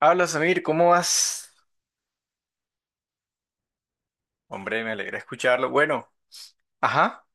Habla Samir, ¿cómo vas? Hombre, me alegra escucharlo. Bueno, ajá,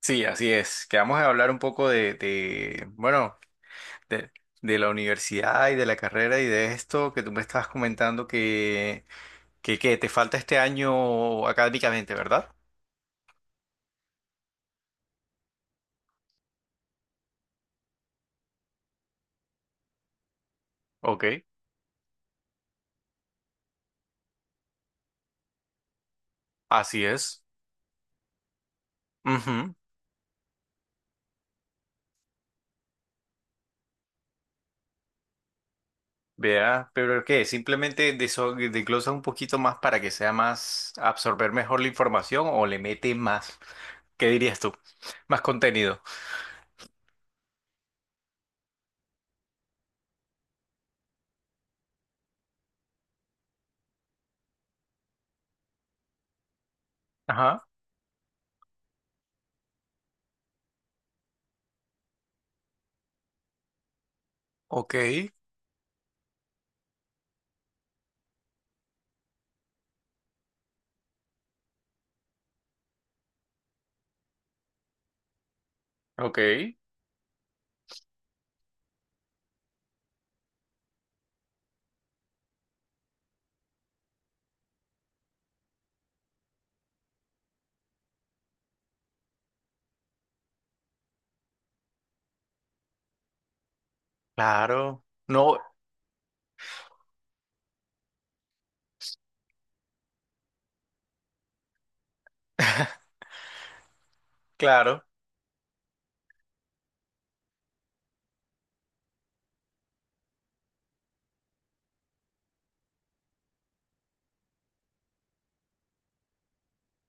sí, así es. Que vamos a hablar un poco bueno, de, de la universidad y de la carrera y de esto que tú me estabas comentando que te falta este año académicamente, ¿verdad? Ok, así es. Ujú. Vea, pero ¿qué? Simplemente desglosa un poquito más para que sea más, absorber mejor la información o le mete más, ¿qué dirías tú? Más contenido. Ok, ok, claro. No, claro.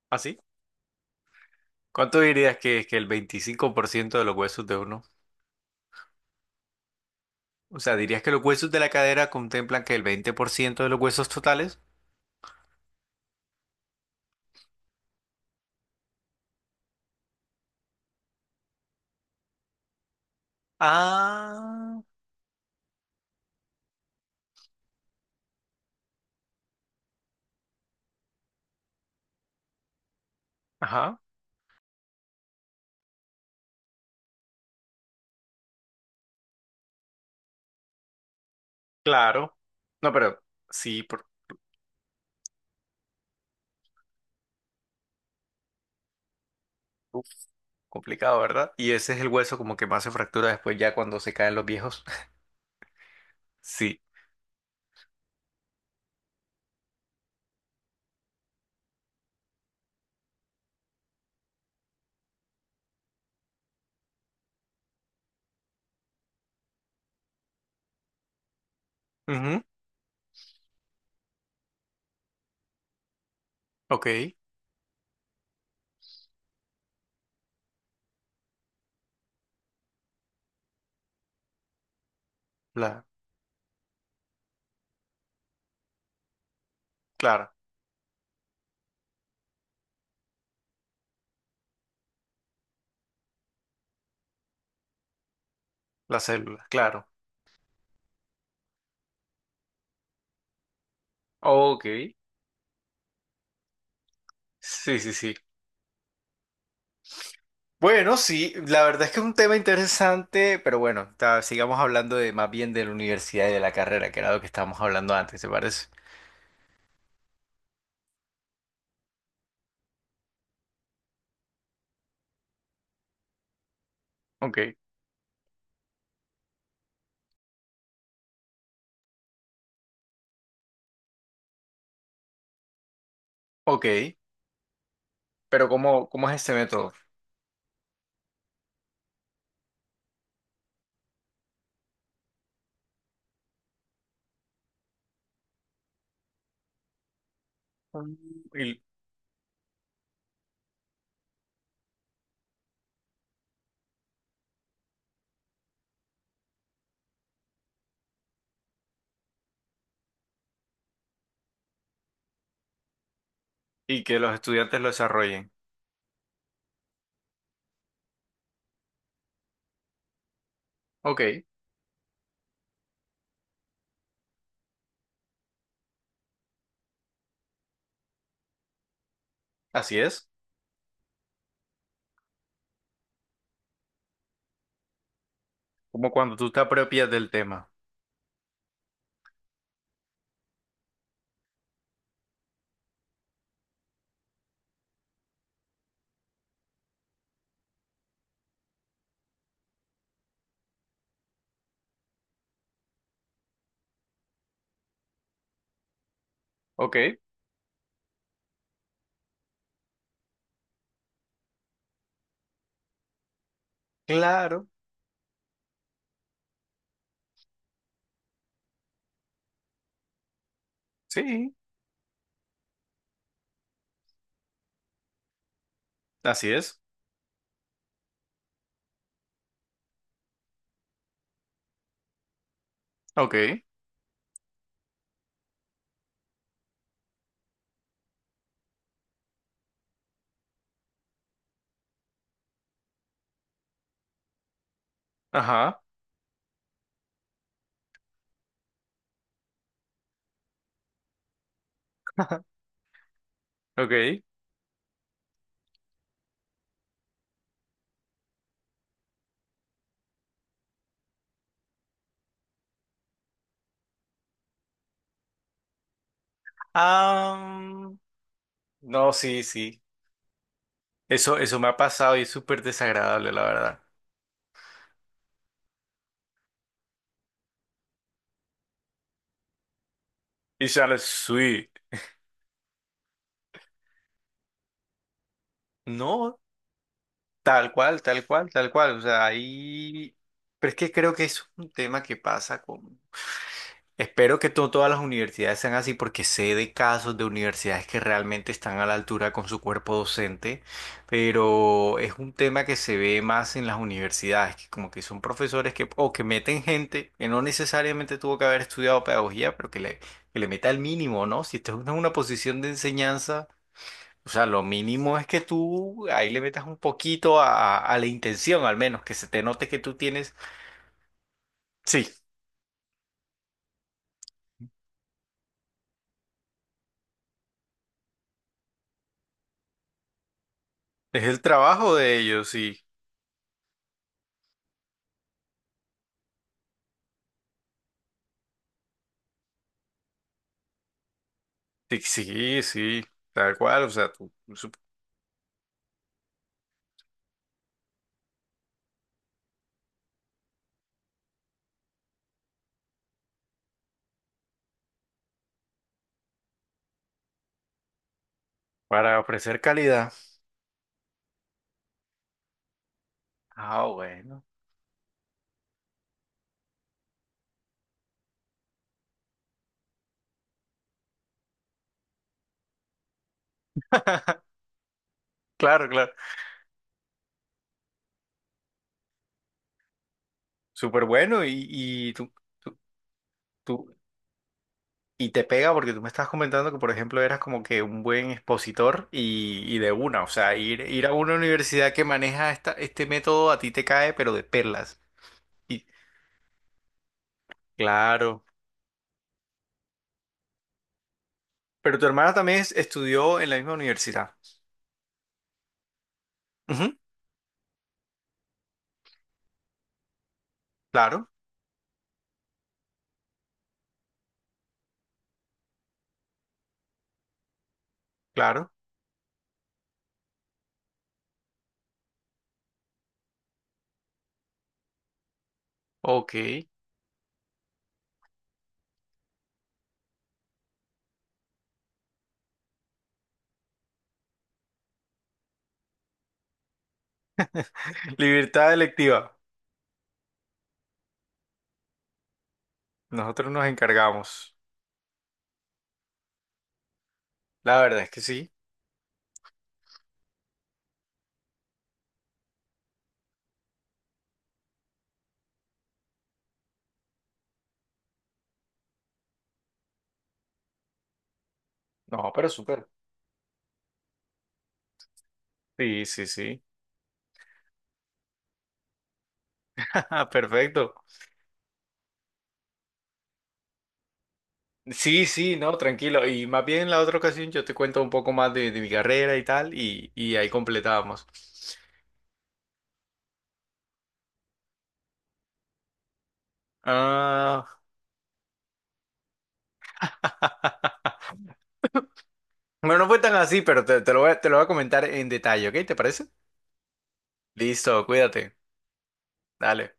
¿Así? ¿Cuánto dirías que es que el 25% de los huesos de uno? O sea, ¿dirías que los huesos de la cadera contemplan que el 20% de los huesos totales? Ah, ajá, claro. No, pero sí, por- uf, complicado, ¿verdad? Y ese es el hueso como que más se fractura después ya cuando se caen los viejos. Sí. Ujú. Ok, la, claro, la célula, claro. Ok, sí, sí, sí. Bueno, sí, la verdad es que es un tema interesante, pero bueno, sigamos hablando de más bien de la universidad y de la carrera, que era lo que estábamos hablando antes, ¿te parece? Ok. Ok, pero cómo es este método? Mm. Y, y que los estudiantes lo desarrollen. Ok, así es, como cuando tú te apropias del tema. Ok. Claro, sí, así es. Ok, ajá, ok. Ah, no, sí, sí. Eso me ha pasado y es súper desagradable, la verdad. Y sale sweet. No, tal cual, tal cual, tal cual. O sea, ahí... Pero es que creo que es un tema que pasa con... Espero que todas las universidades sean así porque sé de casos de universidades que realmente están a la altura con su cuerpo docente, pero es un tema que se ve más en las universidades, que como que son profesores que o que meten gente que no necesariamente tuvo que haber estudiado pedagogía, pero que le meta el mínimo, ¿no? Si estás en una posición de enseñanza. O sea, lo mínimo es que tú ahí le metas un poquito a la intención, al menos, que se te note que tú tienes. Sí, es el trabajo de ellos, sí. Sí, sí, sí, tal cual, o sea, para ofrecer calidad. Ah, bueno. Claro, claro. Súper bueno tú, tú- y te pega porque tú me estás comentando que, por ejemplo, eras como que un buen expositor y de una, o sea, ir a una universidad que maneja este método a ti te cae, pero de perlas. Y claro. Pero tu hermana también estudió en la misma universidad. Ujú. Claro, claro. Ok. Libertad electiva. Nosotros nos encargamos. La verdad es que sí. No, pero súper. Sí, sí, sí. Perfecto. Sí, sí, no, tranquilo. Y más bien en la otra ocasión yo te cuento un poco más de mi carrera y tal, y ahí completábamos. Ah, bueno, no fue tan así, pero te lo voy a comentar en detalle, ¿ok? ¿Te parece? Listo, cuídate. Dale.